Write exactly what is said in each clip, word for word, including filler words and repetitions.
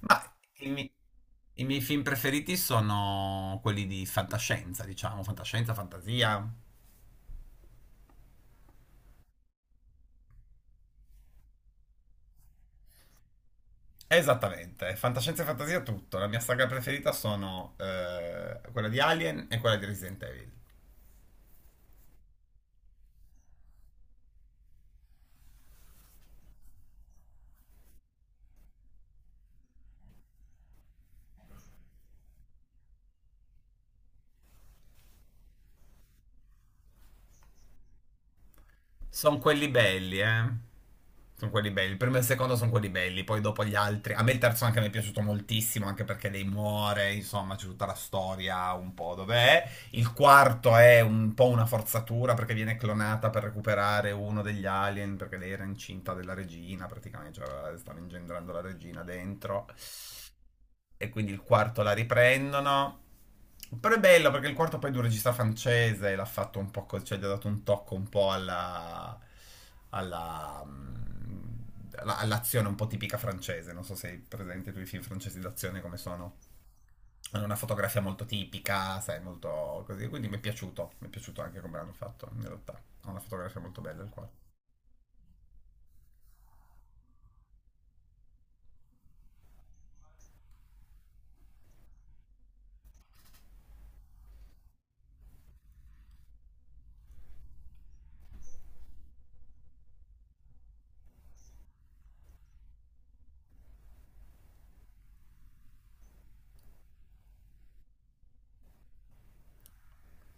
Ma i, mi- i miei film preferiti sono quelli di fantascienza, diciamo, fantascienza, fantasia. Esattamente, fantascienza e fantasia tutto. La mia saga preferita sono eh, quella di Alien e quella di Resident Evil. Sono quelli belli, eh. Sono quelli belli. Il primo e il secondo sono quelli belli, poi dopo gli altri. A me il terzo anche mi è piaciuto moltissimo, anche perché lei muore, insomma, c'è tutta la storia un po' dov'è. Il quarto è un po' una forzatura perché viene clonata per recuperare uno degli alien, perché lei era incinta della regina, praticamente, cioè stava ingendrando la regina dentro e quindi il quarto la riprendono. Però è bello perché il quarto poi è di un regista francese e l'ha fatto un po', co- cioè gli ha dato un tocco un po' alla, alla, mm, alla- all'azione un po' tipica francese. Non so se hai presente tu i film francesi d'azione come sono. Hanno una fotografia molto tipica, sai, molto così. Quindi mi è piaciuto, mi è piaciuto anche come l'hanno fatto in realtà. Ha una fotografia molto bella il quarto.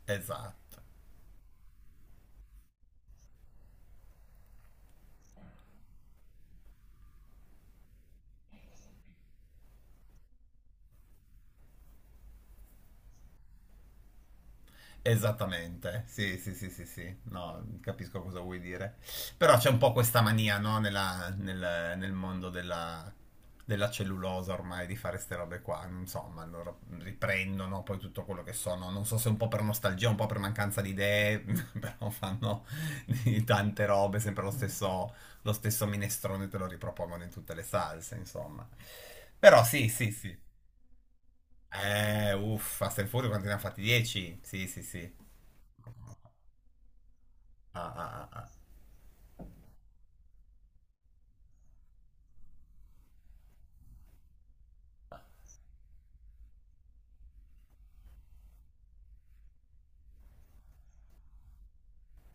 Esatto. Esattamente, sì, sì, sì, sì, sì, no, capisco cosa vuoi dire. Però c'è un po' questa mania, no, nella- nel, nel mondo della, della cellulosa ormai di fare ste robe qua, insomma, loro riprendono poi tutto quello che sono, non so se un po' per nostalgia, un po' per mancanza di idee, però fanno di tante robe, sempre lo stesso, lo stesso minestrone te lo ripropongono in tutte le salse, insomma. Però sì, sì, sì. Eh, uffa, Fast and Furious quanti ne ha fatti? dieci? Sì, sì, sì. Ah, ah, ah, ah.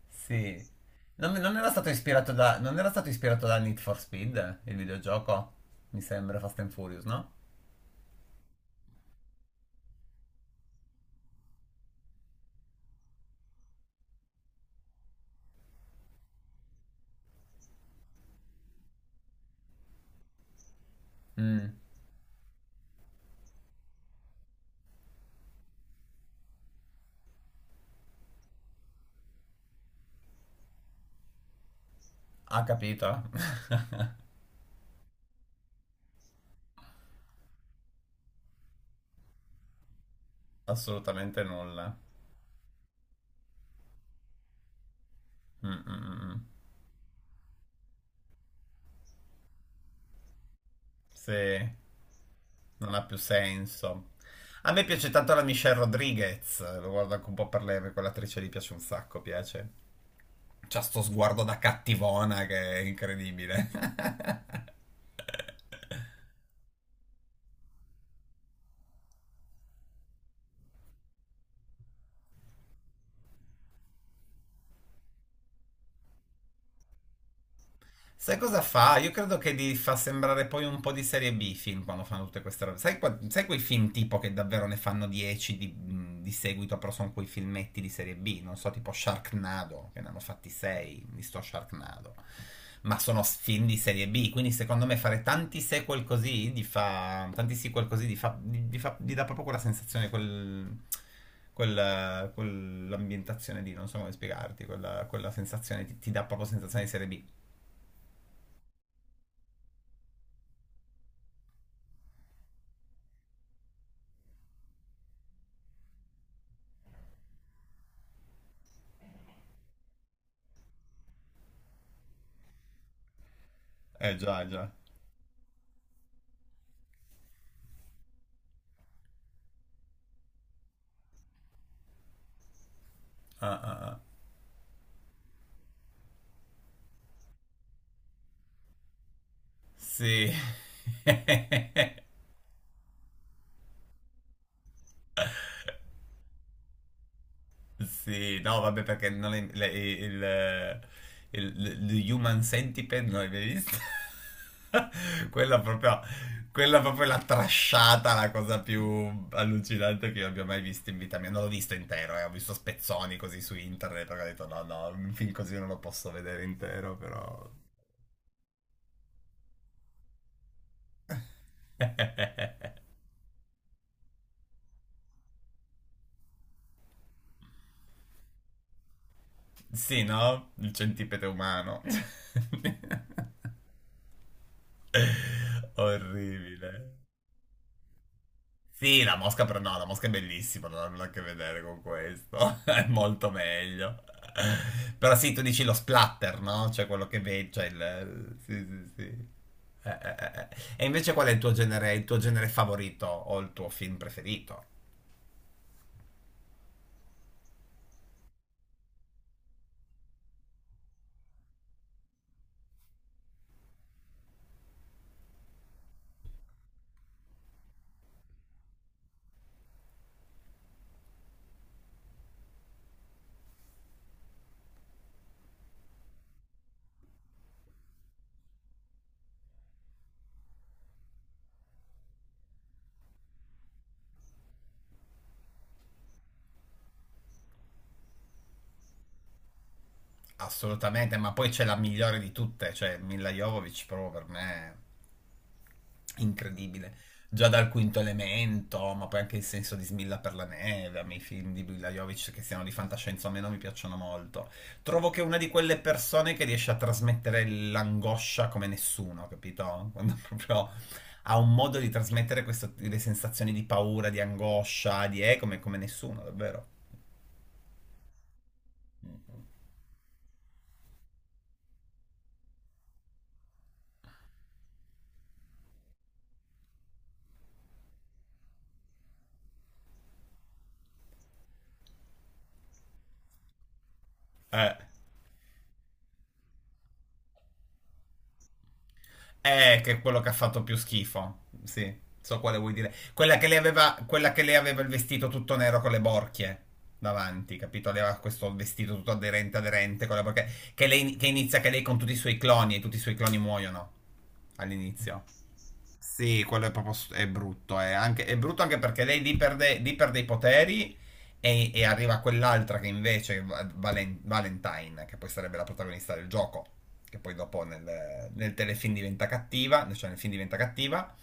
Sì. Non, non era stato ispirato da, non era stato ispirato da Need for Speed, il videogioco? Mi sembra Fast and Furious, no? Mm, ha capito? Assolutamente nulla. Mm, mm, mm, mm. Sì, non ha più senso. A me piace tanto la Michelle Rodriguez, lo guardo anche un po' per lei, perché quell'attrice lì piace un sacco, piace. C'ha sto sguardo da cattivona che è incredibile. Sai cosa fa? Io credo che li fa sembrare poi un po' di serie B i film quando fanno tutte queste robe. Sai, qua- sai quei film tipo che davvero ne fanno dieci di, mh, di seguito, però sono quei filmetti di serie B, non so, tipo Sharknado, che ne hanno fatti sei di sto Sharknado. Ma sono s- film di serie B, quindi secondo me fare tanti sequel così gli fa, tanti sequel così gli fa, gli- gli fa- gli dà proprio quella sensazione, quel, quel- quell'ambientazione lì, non so come spiegarti, quella, quella sensazione, ti, ti dà proprio sensazione di serie B. Eh già, eh già. Ah, ah, ah. Sì. Sì, no, vabbè, perché non è, le- il, il- il Human Centipede non l'hai mai visto? Quella proprio, quella proprio è la trasciata, la cosa più allucinante che io abbia mai visto in vita mia. Non l'ho visto intero, eh, ho visto spezzoni così su internet, perché ho detto no, no, un film così non lo posso vedere intero, però... Sì, no? Il centipede umano. Eh, orribile. Sì, la mosca però no, la mosca è bellissima, non ha nulla a che vedere con questo. È molto meglio. Però sì, tu dici lo splatter, no? Cioè quello che vedi, cioè il... Sì, sì, sì. Eh, eh, eh, eh. E invece qual è il tuo genere, il tuo genere favorito o il tuo film preferito? Assolutamente, ma poi c'è la migliore di tutte, cioè Mila Jovovich proprio per me. Incredibile. Già dal Quinto Elemento, ma poi anche il senso di Smilla per la neve, a me i film di Brila Jovic che siano di fantascienza o meno mi piacciono molto. Trovo che è una di quelle persone che riesce a trasmettere l'angoscia come nessuno, capito? Quando proprio ha un modo di trasmettere queste le sensazioni di paura, di angoscia, di eh, come, come nessuno, davvero. Mm. Eh. Eh, che è quello che ha fatto più schifo. Sì, so quale vuoi dire. Quella che lei aveva, quella che lei aveva il vestito tutto nero con le borchie davanti, capito? Lei aveva questo vestito tutto aderente, aderente con le borchie. Che, lei, che inizia che lei con tutti i suoi cloni e tutti i suoi cloni muoiono all'inizio. Sì, quello è proprio s- è brutto. È, anche, è brutto anche perché lei lì perde, lì perde i poteri e, e arriva quell'altra che invece, è Va- Valen- Valentine, che poi sarebbe la protagonista del gioco, che poi dopo nel, nel telefilm diventa cattiva, cioè nel film diventa cattiva,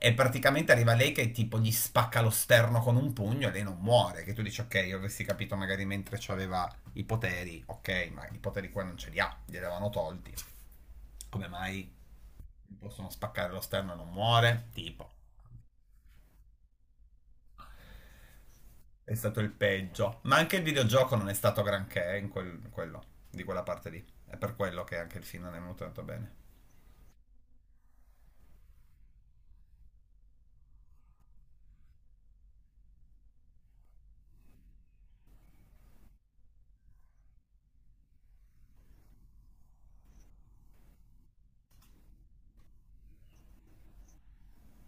e praticamente arriva lei che tipo gli spacca lo sterno con un pugno e lei non muore. Che tu dici, ok, io avessi capito magari mentre aveva i poteri, ok, ma i poteri qua non ce li ha, li avevano tolti. Come mai? Possono spaccare lo sterno e non muore, tipo. È stato il peggio. Ma anche il videogioco non è stato granché in, quel- in quello, di quella parte lì. È per quello che anche il film non è venuto tanto bene.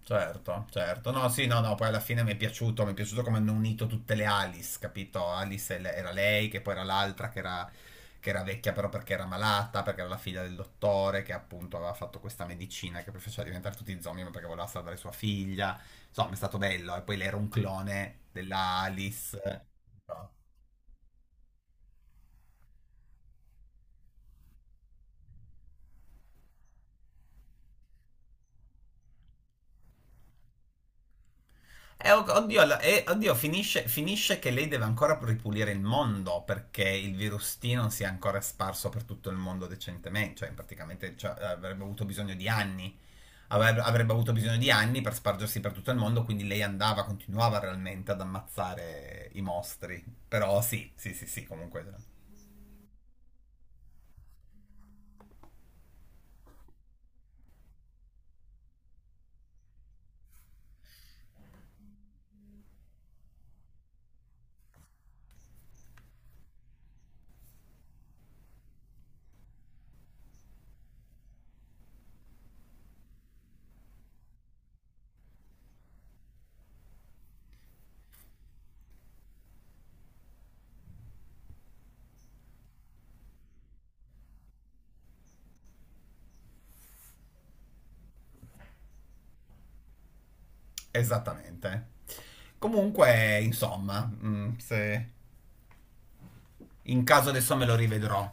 Certo, certo. No, sì, no, no, poi alla fine mi è piaciuto, mi è piaciuto come hanno unito tutte le Alice, capito? Alice e le- era lei, che poi era l'altra che era, che era vecchia però perché era malata, perché era la figlia del dottore, che appunto aveva fatto questa medicina che poi faceva diventare tutti zombie, ma perché voleva salvare sua figlia. Insomma, è stato bello. E poi lei era un clone della Alice. Eh, ok, oddio, la- eh, oddio, finisce, finisce che lei deve ancora ripulire il mondo perché il virus T non si è ancora sparso per tutto il mondo decentemente, cioè praticamente cioè, avrebbe avuto bisogno di anni, avrebbe, avrebbe avuto bisogno di anni per spargersi per tutto il mondo, quindi lei andava, continuava realmente ad ammazzare i mostri, però sì, sì, sì, sì, comunque, esattamente. Comunque, insomma, mm, se in caso adesso me lo rivedrò.